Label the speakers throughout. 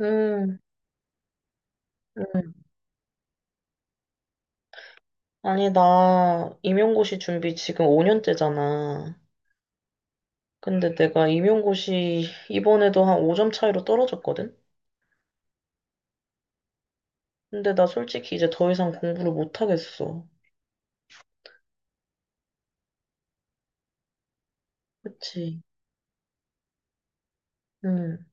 Speaker 1: 음, 음. 아니, 나 임용고시 준비 지금 5년째잖아. 근데 내가 임용고시 이번에도 한 5점 차이로 떨어졌거든? 근데 나 솔직히 이제 더 이상 공부를 못 하겠어. 그치? 응.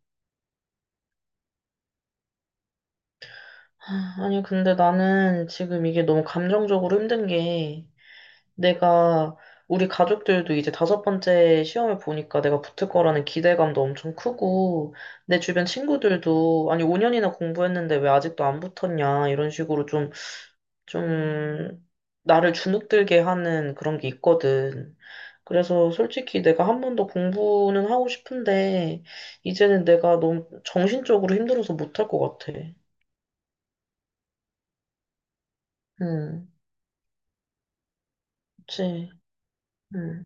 Speaker 1: 하, 아니, 근데 나는 지금 이게 너무 감정적으로 힘든 게 내가 우리 가족들도 이제 다섯 번째 시험을 보니까 내가 붙을 거라는 기대감도 엄청 크고 내 주변 친구들도 아니, 5년이나 공부했는데 왜 아직도 안 붙었냐 이런 식으로 좀 나를 주눅들게 하는 그런 게 있거든. 그래서 솔직히 내가 한 번 더 공부는 하고 싶은데, 이제는 내가 너무 정신적으로 힘들어서 못 할 것 같아. 응, 그치. 응,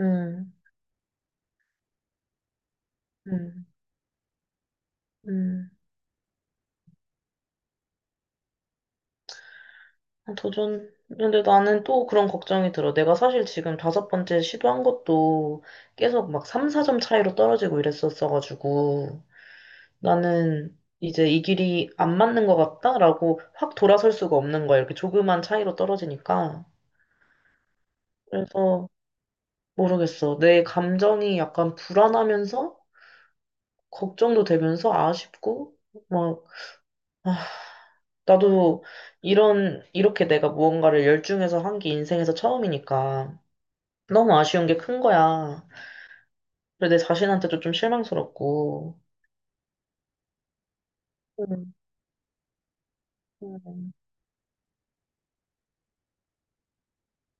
Speaker 1: 응, 응, 응. 아, 도전. 근데 나는 또 그런 걱정이 들어. 내가 사실 지금 다섯 번째 시도한 것도 계속 막 3, 4점 차이로 떨어지고 이랬었어가지고. 나는 이제 이 길이 안 맞는 것 같다라고 확 돌아설 수가 없는 거야. 이렇게 조그만 차이로 떨어지니까. 그래서 모르겠어. 내 감정이 약간 불안하면서 걱정도 되면서 아쉽고 막 아, 나도 이런 이렇게 내가 무언가를 열중해서 한 게 인생에서 처음이니까 너무 아쉬운 게 큰 거야. 그래서 내 자신한테도 좀 실망스럽고. 음, 음,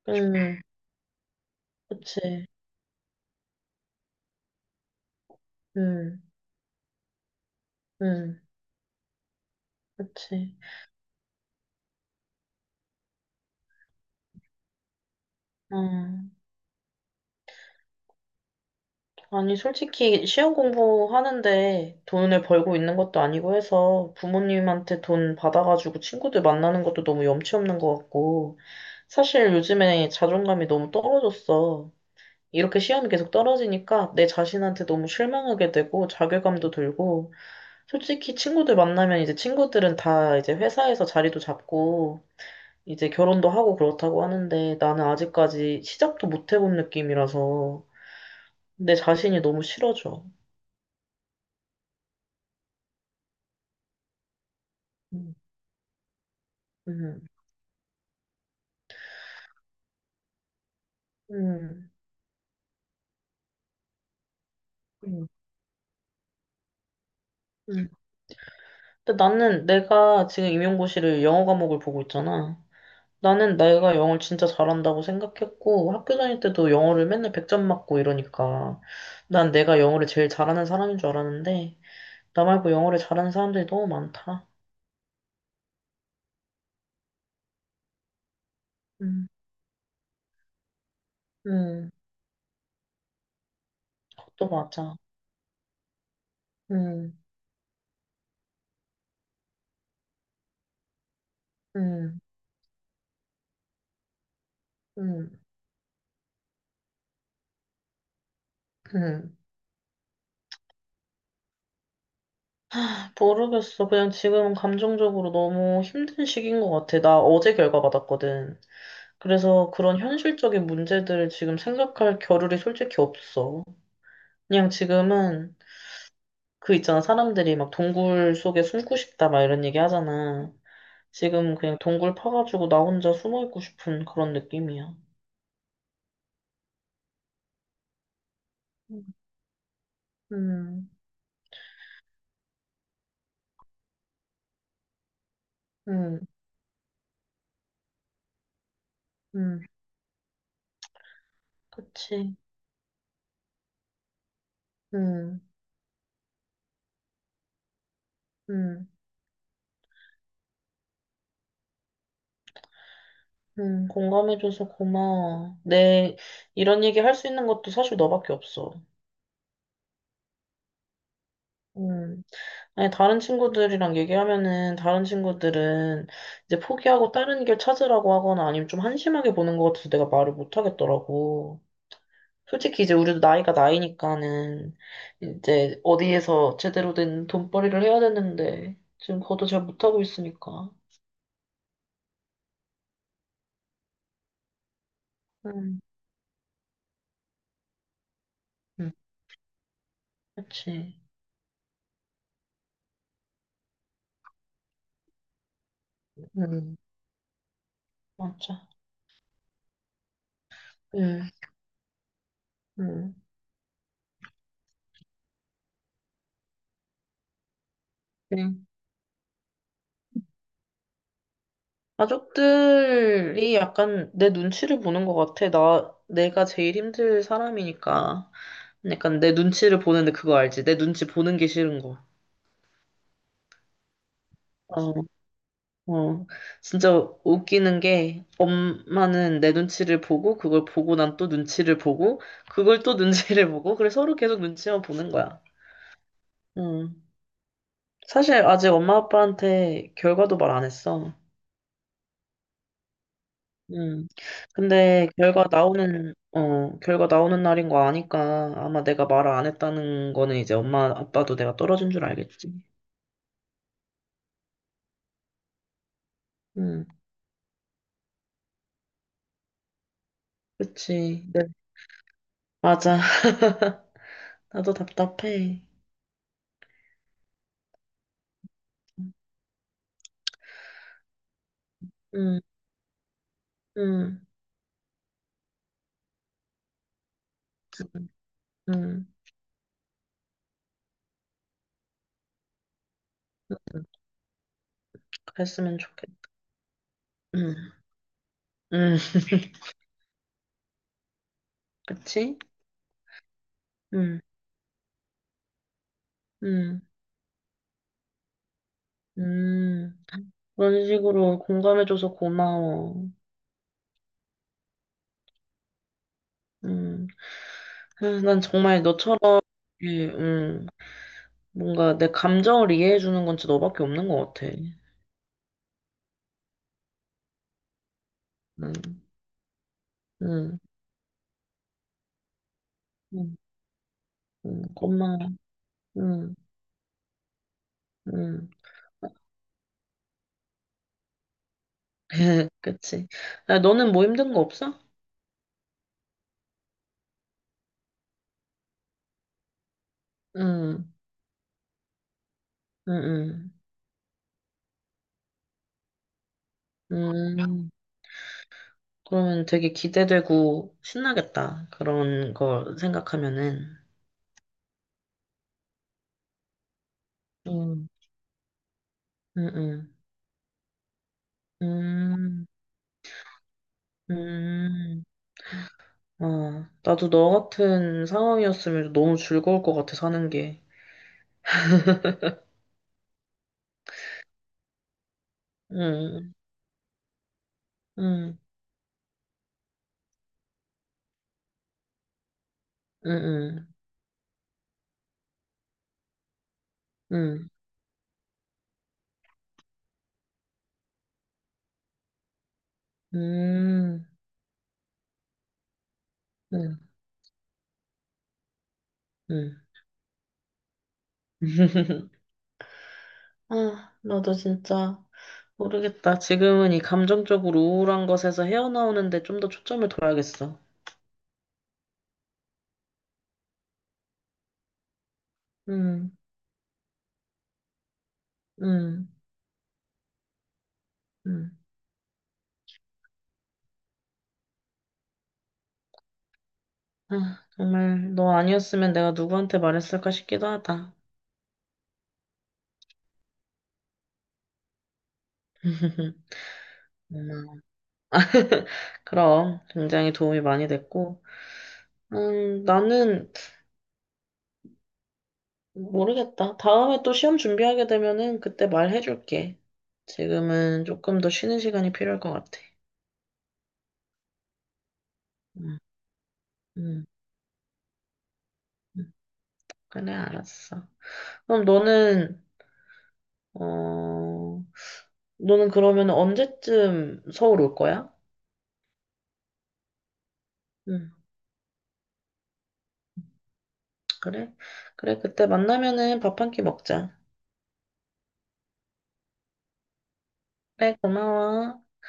Speaker 1: 음, 그치. 음, 음, 그치. 어. 아니, 솔직히 시험 공부하는데 돈을 벌고 있는 것도 아니고 해서 부모님한테 돈 받아가지고 친구들 만나는 것도 너무 염치 없는 것 같고 사실 요즘에 자존감이 너무 떨어졌어. 이렇게 시험이 계속 떨어지니까 내 자신한테 너무 실망하게 되고 자괴감도 들고 솔직히 친구들 만나면 이제 친구들은 다 이제 회사에서 자리도 잡고 이제 결혼도 하고 그렇다고 하는데 나는 아직까지 시작도 못 해본 느낌이라서 내 자신이 너무 싫어져. 음. 음, 음, 음. 음. 근데 나는 내가 지금 임용고시를 영어 과목을 보고 있잖아. 나는 내가 영어를 진짜 잘한다고 생각했고, 학교 다닐 때도 영어를 맨날 100점 맞고 이러니까, 난 내가 영어를 제일 잘하는 사람인 줄 알았는데, 나 말고 영어를 잘하는 사람들이 너무 많다. 음, 음, 그것도 맞아. 음, 음, 음, 음. 모르겠어. 그냥 지금 감정적으로 너무 힘든 시기인 것 같아. 나 어제 결과 받았거든. 그래서 그런 현실적인 문제들을 지금 생각할 겨를이 솔직히 없어. 그냥 지금은 그 있잖아. 사람들이 막 동굴 속에 숨고 싶다 막 이런 얘기 하잖아. 지금 그냥 동굴 파가지고 나 혼자 숨어 있고 싶은 그런 느낌이야. 음, 음, 음, 그치. 음, 음, 공감해줘서 고마워. 내 이런 얘기 할 수 있는 것도 사실 너밖에 없어. 음. 아니, 다른 친구들이랑 얘기하면은, 다른 친구들은 이제 포기하고 다른 길 찾으라고 하거나 아니면 좀 한심하게 보는 것 같아서 내가 말을 못 하겠더라고. 솔직히 이제 우리도 나이가 나이니까는 이제 어디에서 제대로 된 돈벌이를 해야 되는데, 지금 그것도 잘 못하고 있으니까. 음, 음, 그렇지. 음. 맞아. 응, 응. 그래. 가족들이 약간 내 눈치를 보는 것 같아. 내가 제일 힘들 사람이니까. 약간 내 눈치를 보는데 그거 알지? 내 눈치 보는 게 싫은 거. 어, 어. 진짜 웃기는 게 엄마는 내 눈치를 보고 그걸 보고 난 또 눈치를 보고 그걸 또 눈치를 보고 그래서 서로 계속 눈치만 보는 거야. 음. 사실 아직 엄마 아빠한테 결과도 말 안 했어. 음. 근데 결과 나오는 날인 거 아니까 아마 내가 말을 안 했다는 거는 이제 엄마, 아빠도 내가 떨어진 줄 알겠지. 음, 그치. 네. 맞아. 나도 답답해. 음, 음, 음, 음. 음. 음. 그랬으면 좋겠다. 음, 음, 그치? 음, 음, 음. 그런 식으로 공감해줘서 고마워. 음. 아, 난 정말 너처럼, 예, 뭔가 내 감정을 이해해주는 건 진짜 너밖에 없는 것 같아. 응, 응, 응, 응, 고마워. 응, 응. 그치. 야, 너는 뭐 힘든 거 없어? 응, 응, 응. 음, 그러면 되게 기대되고 신나겠다. 그런 거 생각하면은. 응, 응, 응. 음, 음. 아, 나도 너 같은 상황이었으면 너무 즐거울 것 같아, 사는 게. 응, 응, 응, 응, 응. 음, 음, 음. 아, 나도 진짜 모르겠다. 지금은 이 감정적으로 우울한 것에서 헤어나오는데 좀 더 초점을 둬야겠어. 음, 음, 음. 아, 정말 너 아니었으면 내가 누구한테 말했을까 싶기도 하다. 고마워. 그럼 굉장히 도움이 많이 됐고, 나는 모르겠다. 다음에 또 시험 준비하게 되면은 그때 말해줄게. 지금은 조금 더 쉬는 시간이 필요할 것 같아. 음. 음, 음. 그래, 알았어. 그럼 너는, 어, 너는 그러면 언제쯤 서울 올 거야? 응, 그래? 그래, 그때 만나면은 밥 한 끼 먹자. 그래, 고마워. 응.